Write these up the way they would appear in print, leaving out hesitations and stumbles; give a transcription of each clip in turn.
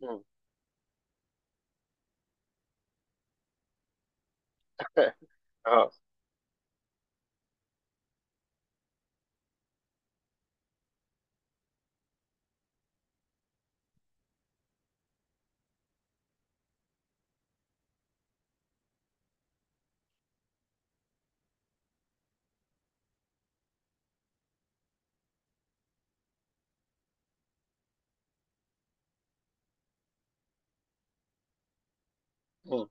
مم. اه. مم.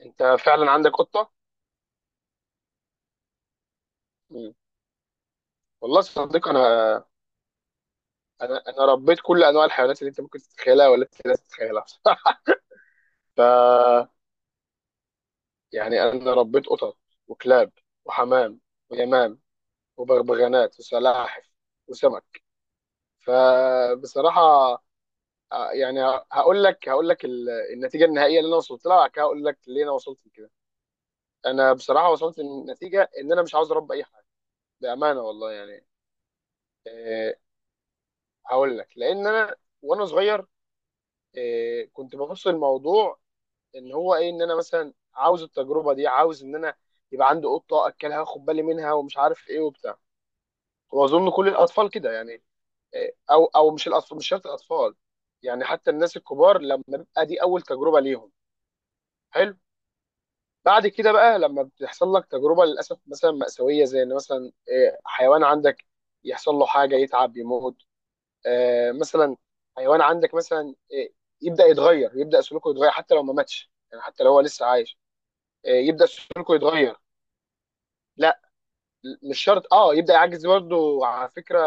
انت فعلا عندك قطه؟ مم. والله يا صديقي انا، انا ربيت كل انواع الحيوانات اللي انت ممكن تتخيلها ولا أنت لا تتخيلها. ف يعني انا ربيت قطط، وكلاب، وحمام، ويمام، وبغبغانات، وسلاحف، وسمك. فبصراحه آه، يعني هقول لك النتيجه النهائيه اللي انا وصلت لها، وبعد كده هقول لك ليه انا وصلت لكده. انا بصراحه وصلت للنتيجه ان انا مش عاوز اربي اي حاجه، بامانه والله يعني. آه، هقول لك لان انا وانا صغير كنت ببص الموضوع ان هو ايه، ان انا مثلا عاوز التجربه دي، عاوز ان انا يبقى عندي قطه اكلها واخد بالي منها ومش عارف ايه وبتاع. واظن كل الاطفال كده يعني. او مش الاطفال، مش شرط الاطفال، يعني حتى الناس الكبار لما بيبقى دي اول تجربه ليهم حلو. بعد كده بقى لما بتحصل لك تجربه للاسف مثلا مأساويه، زي ان مثلا حيوان عندك يحصل له حاجه، يتعب، يموت. مثلا حيوان عندك مثلا، يبدا يتغير، يبدا سلوكه يتغير حتى لو ما ماتش، يعني حتى لو هو لسه عايش. يبدا سلوكه يتغير. لا، مش شرط، اه يبدا يعجز برضه على فكره.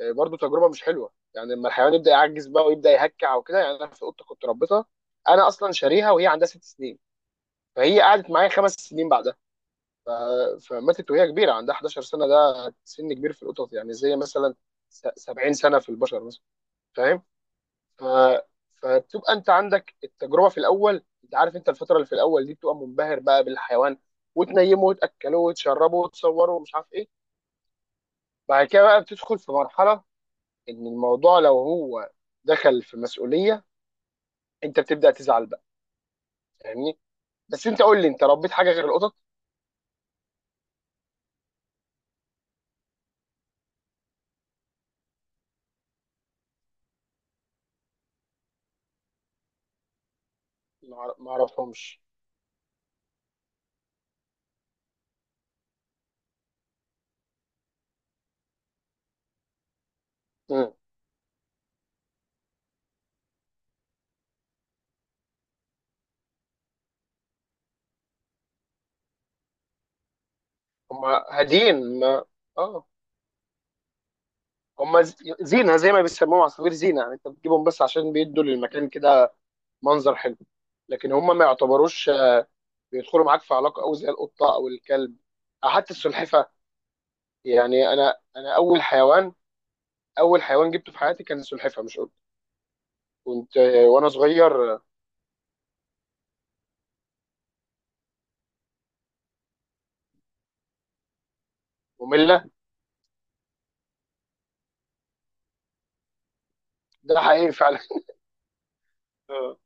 برضه تجربه مش حلوه يعني لما الحيوان يبدا يعجز بقى ويبدا يهكع وكده، يعني انا في قطه كنت ربيتها، انا اصلا شاريها وهي عندها 6 سنين، فهي قعدت معايا 5 سنين بعدها. ف... فماتت وهي كبيره عندها 11 سنه. ده سن كبير في القطط، يعني زي مثلا 70 سنه في البشر مثلا، فاهم. ف... فتبقى انت عندك التجربه. في الاول انت عارف انت الفتره اللي في الاول دي بتبقى منبهر بقى بالحيوان، وتنيمه، وتاكله، وتشربه، وتصوره، ومش عارف ايه. بعد كده بقى بتدخل في مرحله ان الموضوع لو هو دخل في مسؤوليه، انت بتبدا تزعل بقى، فاهمني. بس انت قول لي، انت ربيت حاجه غير القطط؟ ما اعرفهمش. مم. هم هاديين ما. اه، هم زينه، زي ما بيسموهم عصافير زينه، يعني انت بتجيبهم بس عشان بيدوا للمكان كده منظر حلو. لكن هم ما يعتبروش بيدخلوا معاك في علاقه قوي زي القطه او الكلب او حتى السلحفه. يعني انا اول حيوان، اول حيوان جبته في حياتي كان السلحفه مش قطه. كنت وانا صغير، ممله. ده حقيقي فعلا. اه.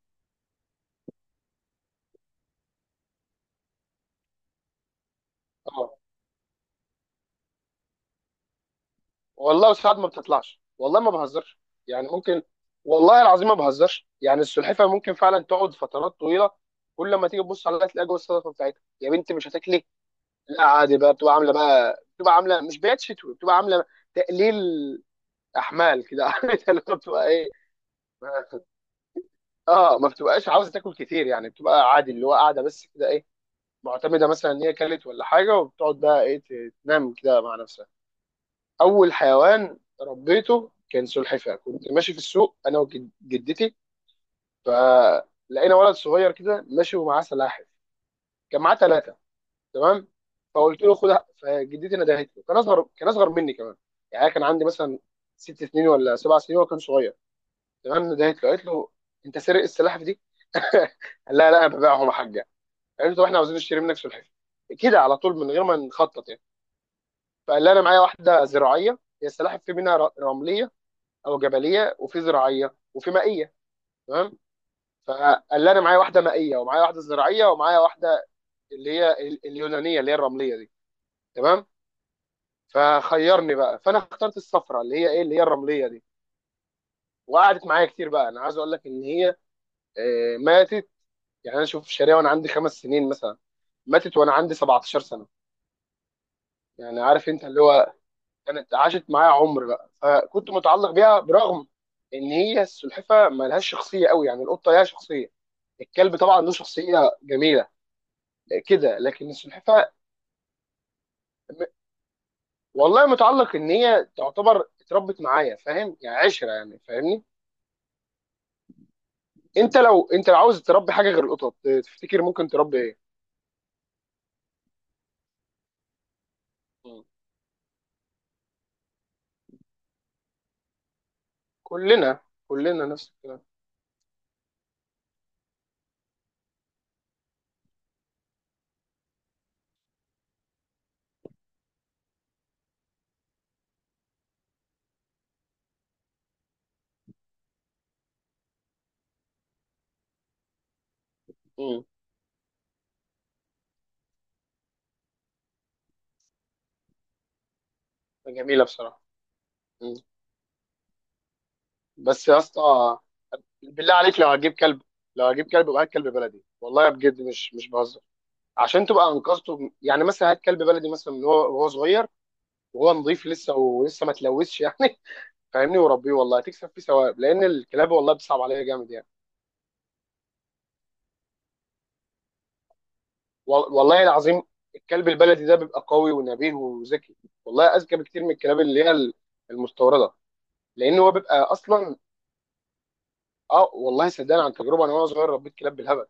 آه. والله ساعات ما بتطلعش، والله ما بهزرش يعني، ممكن، والله العظيم ما بهزرش، يعني السلحفه ممكن فعلا تقعد فترات طويله، كل ما تيجي تبص عليها تلاقي جوه الصدفه بتاعتها. يا بنتي مش هتاكلي؟ لا عادي بقى، بتبقى عامله بقى، بتبقى عامله مش بيات شتوي، بتبقى عامله تقليل احمال كده. عارف اللي هو بتبقى ايه. ما- اه، ما بتبقاش عاوزه تاكل كتير، يعني بتبقى عادي اللي هو قاعده بس كده ايه، معتمده مثلا ان هي كلت ولا حاجه، وبتقعد بقى ايه تنام كده مع نفسها. اول حيوان ربيته كان سلحفاه. كنت ماشي في السوق انا وجدتي، فلقينا ولد صغير كده ماشي ومعاه سلاحف. كان معاه ثلاثه، تمام؟ فقلت له خدها، فجدتي ندهت له. كان اصغر، كان اصغر مني كمان. يعني أنا كان عندي مثلا 6 سنين ولا 7 سنين، وهو كان صغير. تمام، ندهت له قالت له: انت سرق السلاحف دي؟ لا لا، انا ببيعهم يا حاجه. قالت له: طب احنا عاوزين نشتري منك سلحفاه، كده على طول من غير ما نخطط يعني. فقال لي: انا معايا واحده زراعيه. هي السلاحف في منها رمليه، او جبليه، وفي زراعيه، وفي مائيه. تمام، فقال لي انا معايا واحده مائيه، ومعايا واحده زراعيه، ومعايا واحده اللي هي اليونانيه اللي هي الرمليه دي. تمام، فخيرني بقى، فانا اخترت الصفراء اللي هي ايه، اللي هي الرمليه دي. وقعدت معايا كتير بقى. انا عايز اقول لك ان هي ماتت. يعني انا شوف الشارع وانا عندي 5 سنين مثلا، ماتت وانا عندي 17 سنه. يعني عارف انت اللي هو كانت عاشت معايا عمر بقى، فكنت متعلق بيها برغم ان هي السلحفه ما لهاش شخصيه قوي. يعني القطه ليها شخصيه، الكلب طبعا له شخصيه جميله كده، لكن السلحفه. م- والله متعلق ان هي تعتبر اتربت معايا، فاهم يعني، عشره يعني، فاهمني. انت لو، انت لو عاوز تربي حاجه غير القطط، تفتكر ممكن تربي ايه؟ مم. كلنا، كلنا نفس الكلام. مم. جميله بصراحه. مم. بس يا اسطى، بالله عليك، لو هجيب كلب، لو هجيب كلب يبقى هات كلب بلدي، والله بجد مش مش بهزر. عشان تبقى انقذته، يعني مثلا هات كلب بلدي مثلا من هو وهو صغير، وهو نظيف لسه ولسه ما تلوثش يعني. فاهمني؟ وربيه، والله هتكسب فيه ثواب لان الكلاب والله بتصعب عليا جامد يعني. والله العظيم الكلب البلدي ده بيبقى قوي ونبيه وذكي، والله اذكى بكتير من الكلاب اللي هي المستورده. لان هو بيبقى اصلا. اه، والله صدقني، عن تجربه انا وانا صغير ربيت كلاب بالهبل،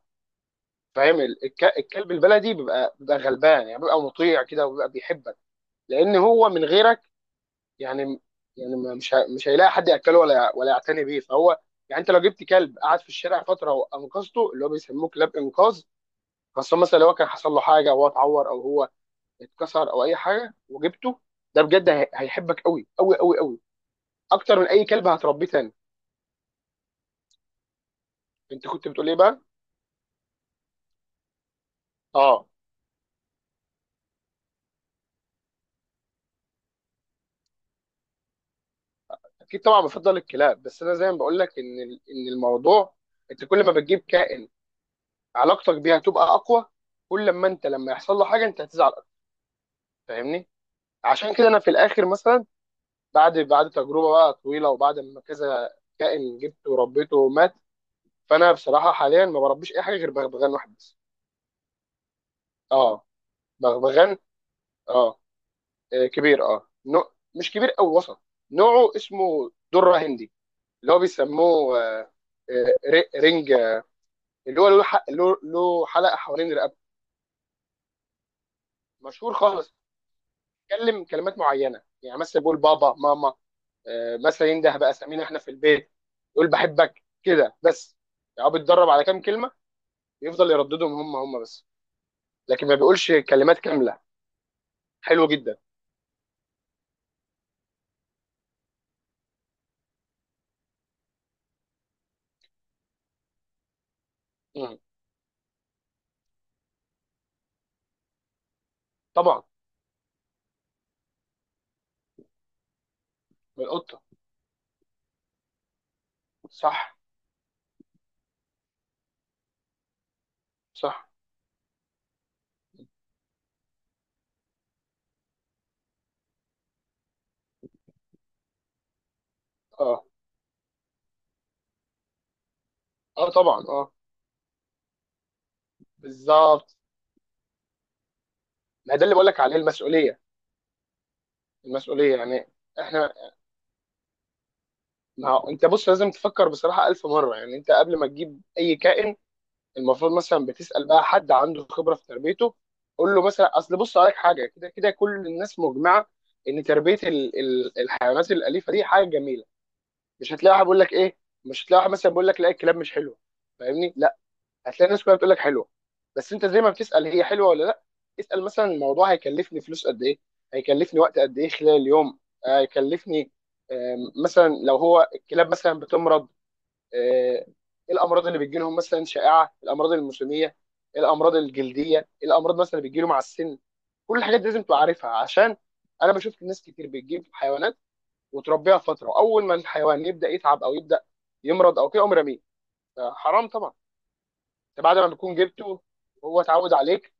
فاهم. الكلب البلدي بيبقى، بيبقى غلبان يعني، بيبقى مطيع كده، وبيبقى بيحبك لان هو من غيرك، يعني يعني مش هيلاقي حد ياكله ولا ولا يعتني بيه فهو يعني. انت لو جبت كلب قعد في الشارع فتره وانقذته، اللي هو بيسموه كلاب انقاذ، خاصه مثلا لو كان حصل له حاجه، او هو اتعور، او هو اتكسر، او اي حاجه، وجبته، ده بجد هيحبك قوي قوي قوي قوي، اكتر من اي كلب هتربيه تاني. انت كنت بتقول ايه بقى؟ اه اكيد طبعا بفضل الكلاب. بس انا زي ما بقول لك ان ان الموضوع انت كل ما بتجيب كائن، علاقتك بيها هتبقى اقوى، كل لما انت لما يحصل له حاجه انت هتزعل اكتر، فاهمني. عشان كده انا في الاخر مثلا، بعد تجربه بقى طويله، وبعد ما كذا كائن جبته وربيته ومات، فانا بصراحه حاليا ما بربيش اي حاجه غير بغبغان واحد بس. اه، بغبغان. اه. كبير. اه، نوع مش كبير او وسط، نوعه اسمه دره هندي، اللي هو بيسموه رنج، اللي هو له له حلقه حوالين رقبته، مشهور خالص. بيتكلم كلمات معينه، يعني مثلا بيقول بابا، ماما، مثلا ينده باسامينا احنا في البيت، يقول بحبك، كده بس. يعني هو بيتدرب على كام كلمه، يفضل يرددهم هم بس، لكن ما بيقولش كلمات كامله. حلو جدا. مم. طبعا، من القطه، صح. صح. اه. اه طبعا، اه، بالظبط. ما ده اللي بقول لك عليه، المسؤوليه. المسؤوليه يعني، احنا، ما هو انت بص لازم تفكر بصراحه ألف مره. يعني انت قبل ما تجيب اي كائن، المفروض مثلا بتسال بقى حد عنده خبره في تربيته، قول له مثلا: اصل بص، عليك حاجه كده كده، كل الناس مجمعه ان تربيه ال ال الحيوانات الاليفه دي حاجه جميله، مش هتلاقي واحد بيقول لك ايه، مش هتلاقي واحد مثلا بيقول لك لا، الكلاب مش حلوه، فاهمني. لا، هتلاقي الناس كلها بتقول لك حلوه. بس انت زي ما بتسال هي حلوه ولا لا، اسال مثلا الموضوع هيكلفني فلوس قد ايه، هيكلفني وقت قد ايه خلال اليوم، هيكلفني، مثلا لو هو الكلاب مثلا بتمرض، آه، ايه الامراض اللي بتجي لهم مثلا، شائعه الامراض الموسميه، الامراض الجلديه، الامراض مثلا اللي بتجي له مع السن. كل الحاجات دي لازم تبقى عارفها، عشان انا بشوف ناس كتير بتجيب حيوانات وتربيها فتره، اول ما الحيوان يبدا يتعب او يبدا يمرض او كده قوم رميه. حرام طبعا. انت بعد ما بتكون جبته وهو اتعود عليك،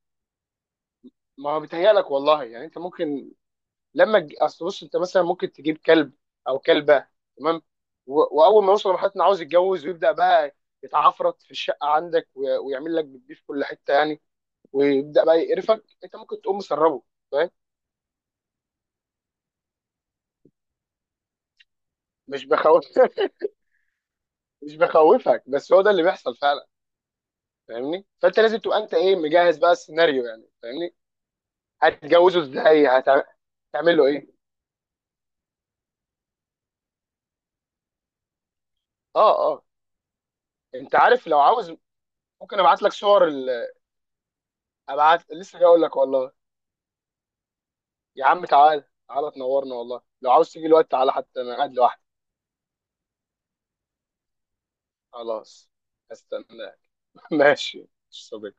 ما هو بيتهيألك والله يعني، انت ممكن لما اصل بص، انت مثلا ممكن تجيب كلب او كلبه، تمام، واول ما يوصل لمرحله انه عاوز يتجوز ويبدا بقى يتعفرت في الشقه عندك، ويعمل لك بيبي في كل حته يعني، ويبدا بقى يقرفك، انت ممكن تقوم مسربه، فاهم. مش بخوف. مش بخوفك، بس هو ده اللي بيحصل فعلا، فاهمني. فانت لازم تبقى انت ايه، مجهز بقى السيناريو يعني، فاهمني. هتتجوزه ازاي؟ هتعمل له ايه؟ اه اه انت عارف، لو عاوز ممكن ابعت لك صور ال... ابعت لسه جاي اقول لك والله. يا عم تعال تعال، تنورنا، والله لو عاوز تيجي الوقت تعالى، حتى انا قاعد لوحدي. خلاص. استنى. ماشي صبي.